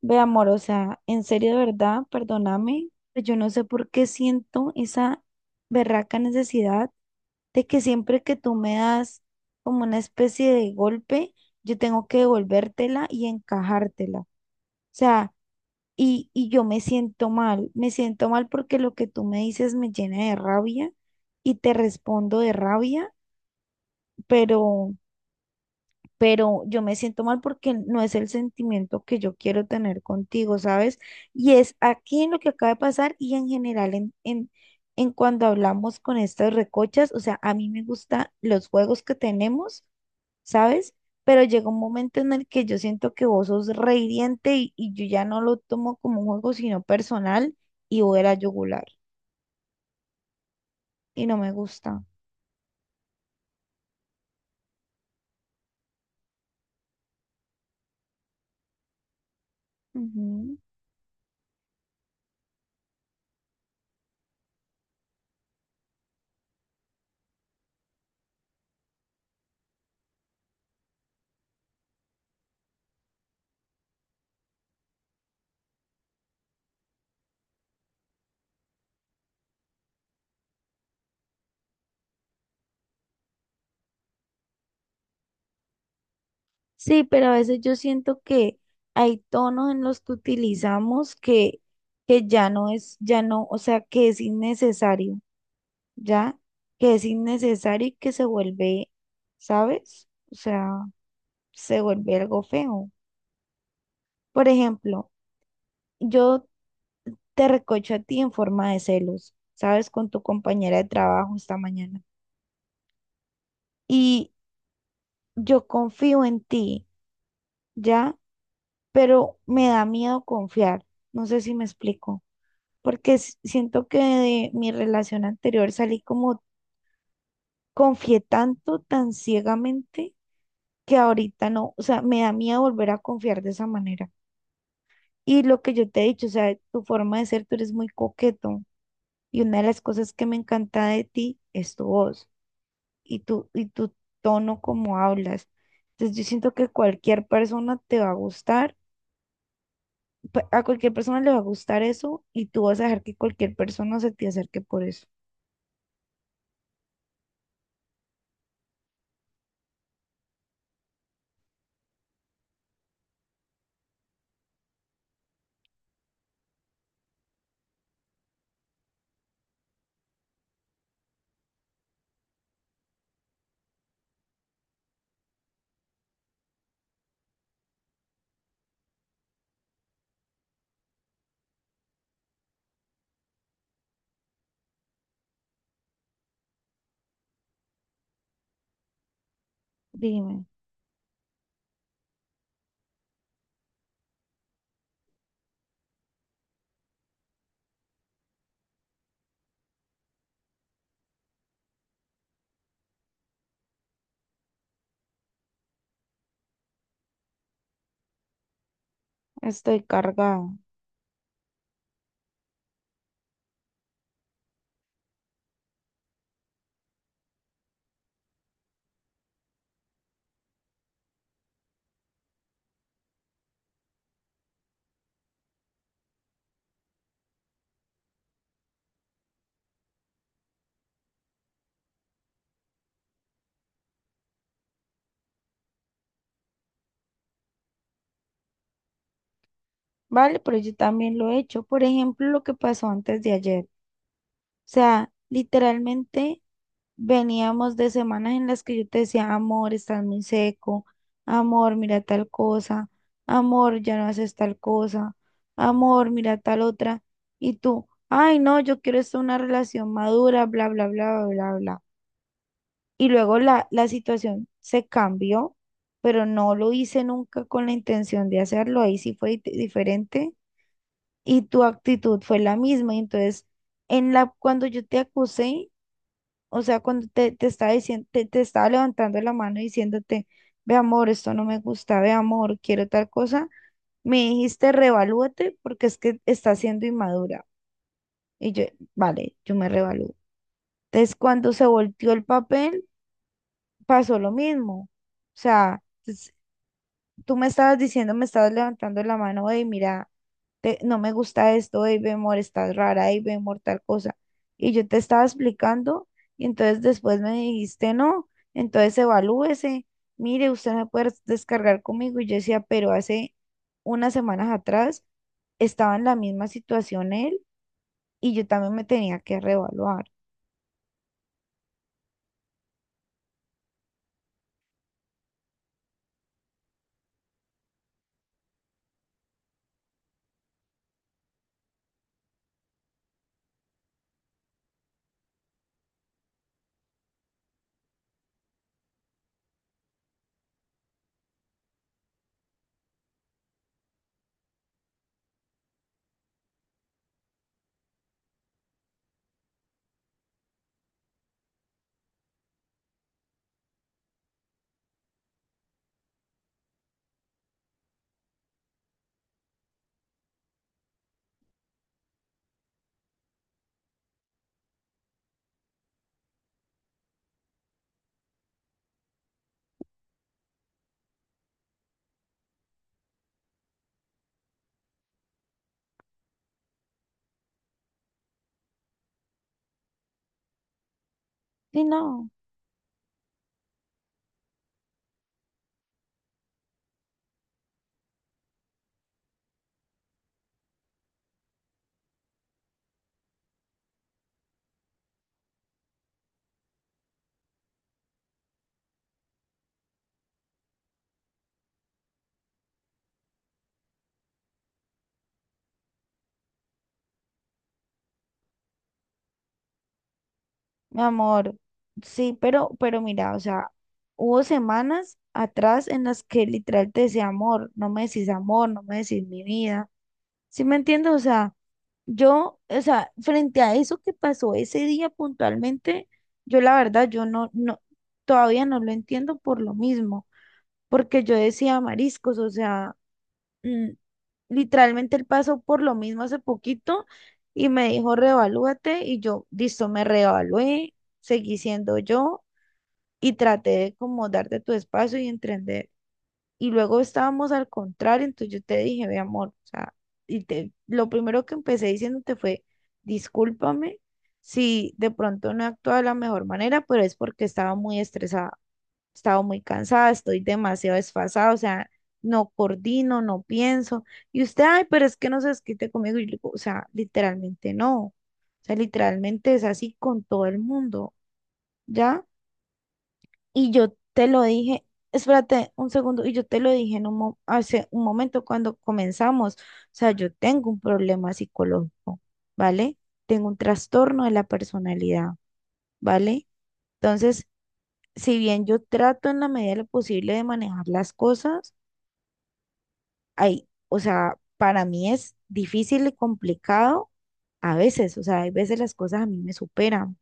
Ve, amor, o sea, en serio, de verdad, perdóname, pero yo no sé por qué siento esa berraca necesidad de que siempre que tú me das como una especie de golpe, yo tengo que devolvértela y encajártela. O sea, y yo me siento mal porque lo que tú me dices me llena de rabia y te respondo de rabia, pero pero yo me siento mal porque no es el sentimiento que yo quiero tener contigo, ¿sabes? Y es aquí en lo que acaba de pasar y en general en cuando hablamos con estas recochas, o sea, a mí me gustan los juegos que tenemos, ¿sabes? Pero llega un momento en el que yo siento que vos sos re hiriente y yo ya no lo tomo como un juego, sino personal y voy a la yugular y no me gusta. Ujú. Sí, pero a veces yo siento que hay tonos en los que utilizamos que ya no es, ya no, o sea, que es innecesario, ¿ya? Que es innecesario y que se vuelve, ¿sabes? O sea, se vuelve algo feo. Por ejemplo, yo te recocho a ti en forma de celos, ¿sabes? Con tu compañera de trabajo esta mañana. Y yo confío en ti, ¿ya? Pero me da miedo confiar. No sé si me explico. Porque siento que de mi relación anterior salí como confié tanto, tan ciegamente, que ahorita no, o sea, me da miedo volver a confiar de esa manera. Y lo que yo te he dicho, o sea, tu forma de ser, tú eres muy coqueto y una de las cosas que me encanta de ti es tu voz y tu tono como hablas. Entonces yo siento que cualquier persona te va a gustar, a cualquier persona le va a gustar eso y tú vas a dejar que cualquier persona se te acerque por eso. Dime, estoy cargada. Vale, pero yo también lo he hecho. Por ejemplo, lo que pasó antes de ayer. O sea, literalmente veníamos de semanas en las que yo te decía, amor, estás muy seco, amor, mira tal cosa, amor, ya no haces tal cosa, amor, mira tal otra. Y tú, ay, no, yo quiero esto, una relación madura, bla, bla, bla, bla, bla, bla. Y luego la situación se cambió, pero no lo hice nunca con la intención de hacerlo. Ahí sí fue diferente y tu actitud fue la misma. Y entonces, en la, cuando yo te acusé, o sea, cuando te estaba diciendo, te estaba levantando la mano diciéndote, ve amor, esto no me gusta, ve amor, quiero tal cosa, me dijiste, revalúate porque es que estás siendo inmadura. Y yo, vale, yo me revalúo. Entonces, cuando se volteó el papel, pasó lo mismo. O sea, tú me estabas diciendo, me estabas levantando la mano, hey, mira, no me gusta esto, hey, ve, amor, estás rara, hey, ve, amor, tal cosa. Y yo te estaba explicando, y entonces después me dijiste, no, entonces evalúese, mire, usted me puede descargar conmigo. Y yo decía, pero hace unas semanas atrás estaba en la misma situación él, y yo también me tenía que reevaluar. Y no. Mi amor, sí, pero mira, o sea, hubo semanas atrás en las que literal te decía amor, no me decís amor, no me decís mi vida. ¿Sí me entiendes? O sea, yo, o sea, frente a eso que pasó ese día puntualmente, yo la verdad, yo todavía no lo entiendo por lo mismo, porque yo decía mariscos, o sea mm, literalmente él pasó por lo mismo hace poquito y me dijo, reevalúate y yo, listo, me reevalué, seguí siendo yo y traté de como darte tu espacio y entender. Y luego estábamos al contrario, entonces yo te dije, mi amor, o sea, y te, lo primero que empecé diciéndote fue, discúlpame si de pronto no he actuado de la mejor manera, pero es porque estaba muy estresada, estaba muy cansada, estoy demasiado desfasada, o sea, no coordino, no pienso. Y usted, ay, pero es que no se desquite conmigo. Y yo le digo, o sea, literalmente no, o sea, literalmente es así con todo el mundo, ¿ya? Y yo te lo dije, espérate un segundo, y yo te lo dije en un hace un momento cuando comenzamos. O sea, yo tengo un problema psicológico, ¿vale? Tengo un trastorno de la personalidad, ¿vale? Entonces, si bien yo trato en la medida de lo posible de manejar las cosas, hay, o sea, para mí es difícil y complicado a veces, o sea, hay veces las cosas a mí me superan,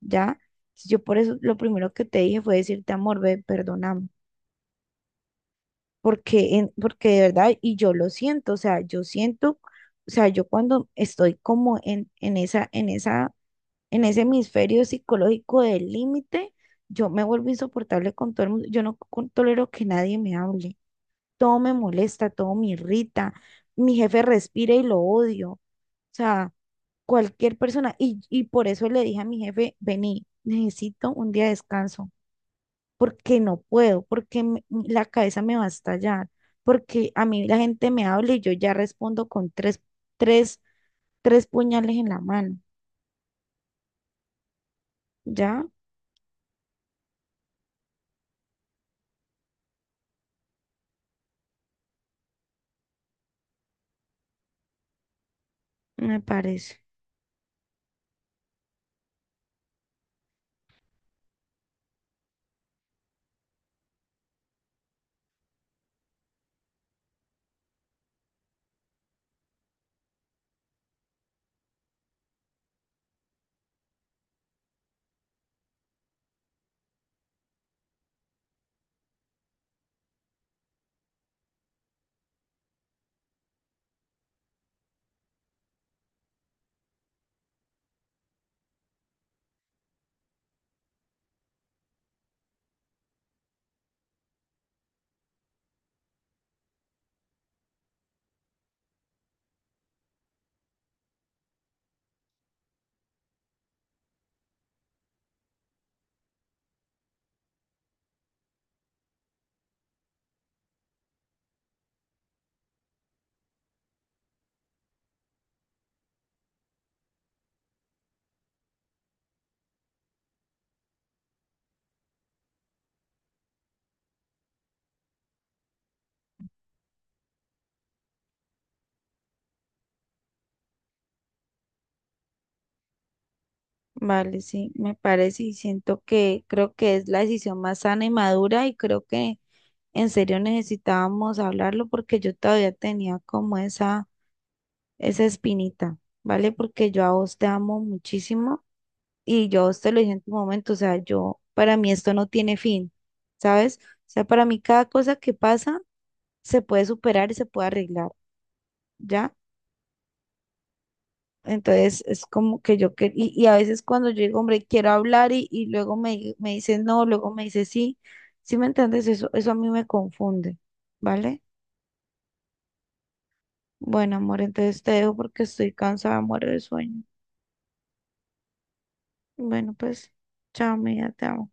¿ya? Yo por eso lo primero que te dije fue decirte, amor, ve, perdóname porque, porque de verdad, y yo lo siento, o sea, yo siento, o sea, yo cuando estoy como en esa, en ese hemisferio psicológico del límite, yo me vuelvo insoportable con todo el mundo, yo no tolero que nadie me hable, todo me molesta, todo me irrita, mi jefe respira y lo odio, o sea, cualquier persona, y por eso le dije a mi jefe, vení, necesito un día de descanso porque no puedo, porque la cabeza me va a estallar, porque a mí la gente me habla y yo ya respondo con tres, tres puñales en la mano, ¿ya? Me parece, vale, sí, me parece y siento que creo que es la decisión más sana y madura y creo que en serio necesitábamos hablarlo porque yo todavía tenía como esa espinita, ¿vale? Porque yo a vos te amo muchísimo. Y yo te lo dije en tu momento, o sea, yo, para mí esto no tiene fin, ¿sabes? O sea, para mí cada cosa que pasa se puede superar y se puede arreglar, ¿ya? Entonces es como que yo, que, y a veces cuando yo digo, hombre, quiero hablar y luego me, me dice no, luego me dice sí, ¿sí me entiendes? Eso a mí me confunde, ¿vale? Bueno, amor, entonces te dejo porque estoy cansada, muero de sueño. Bueno, pues, chao, amiga, te amo.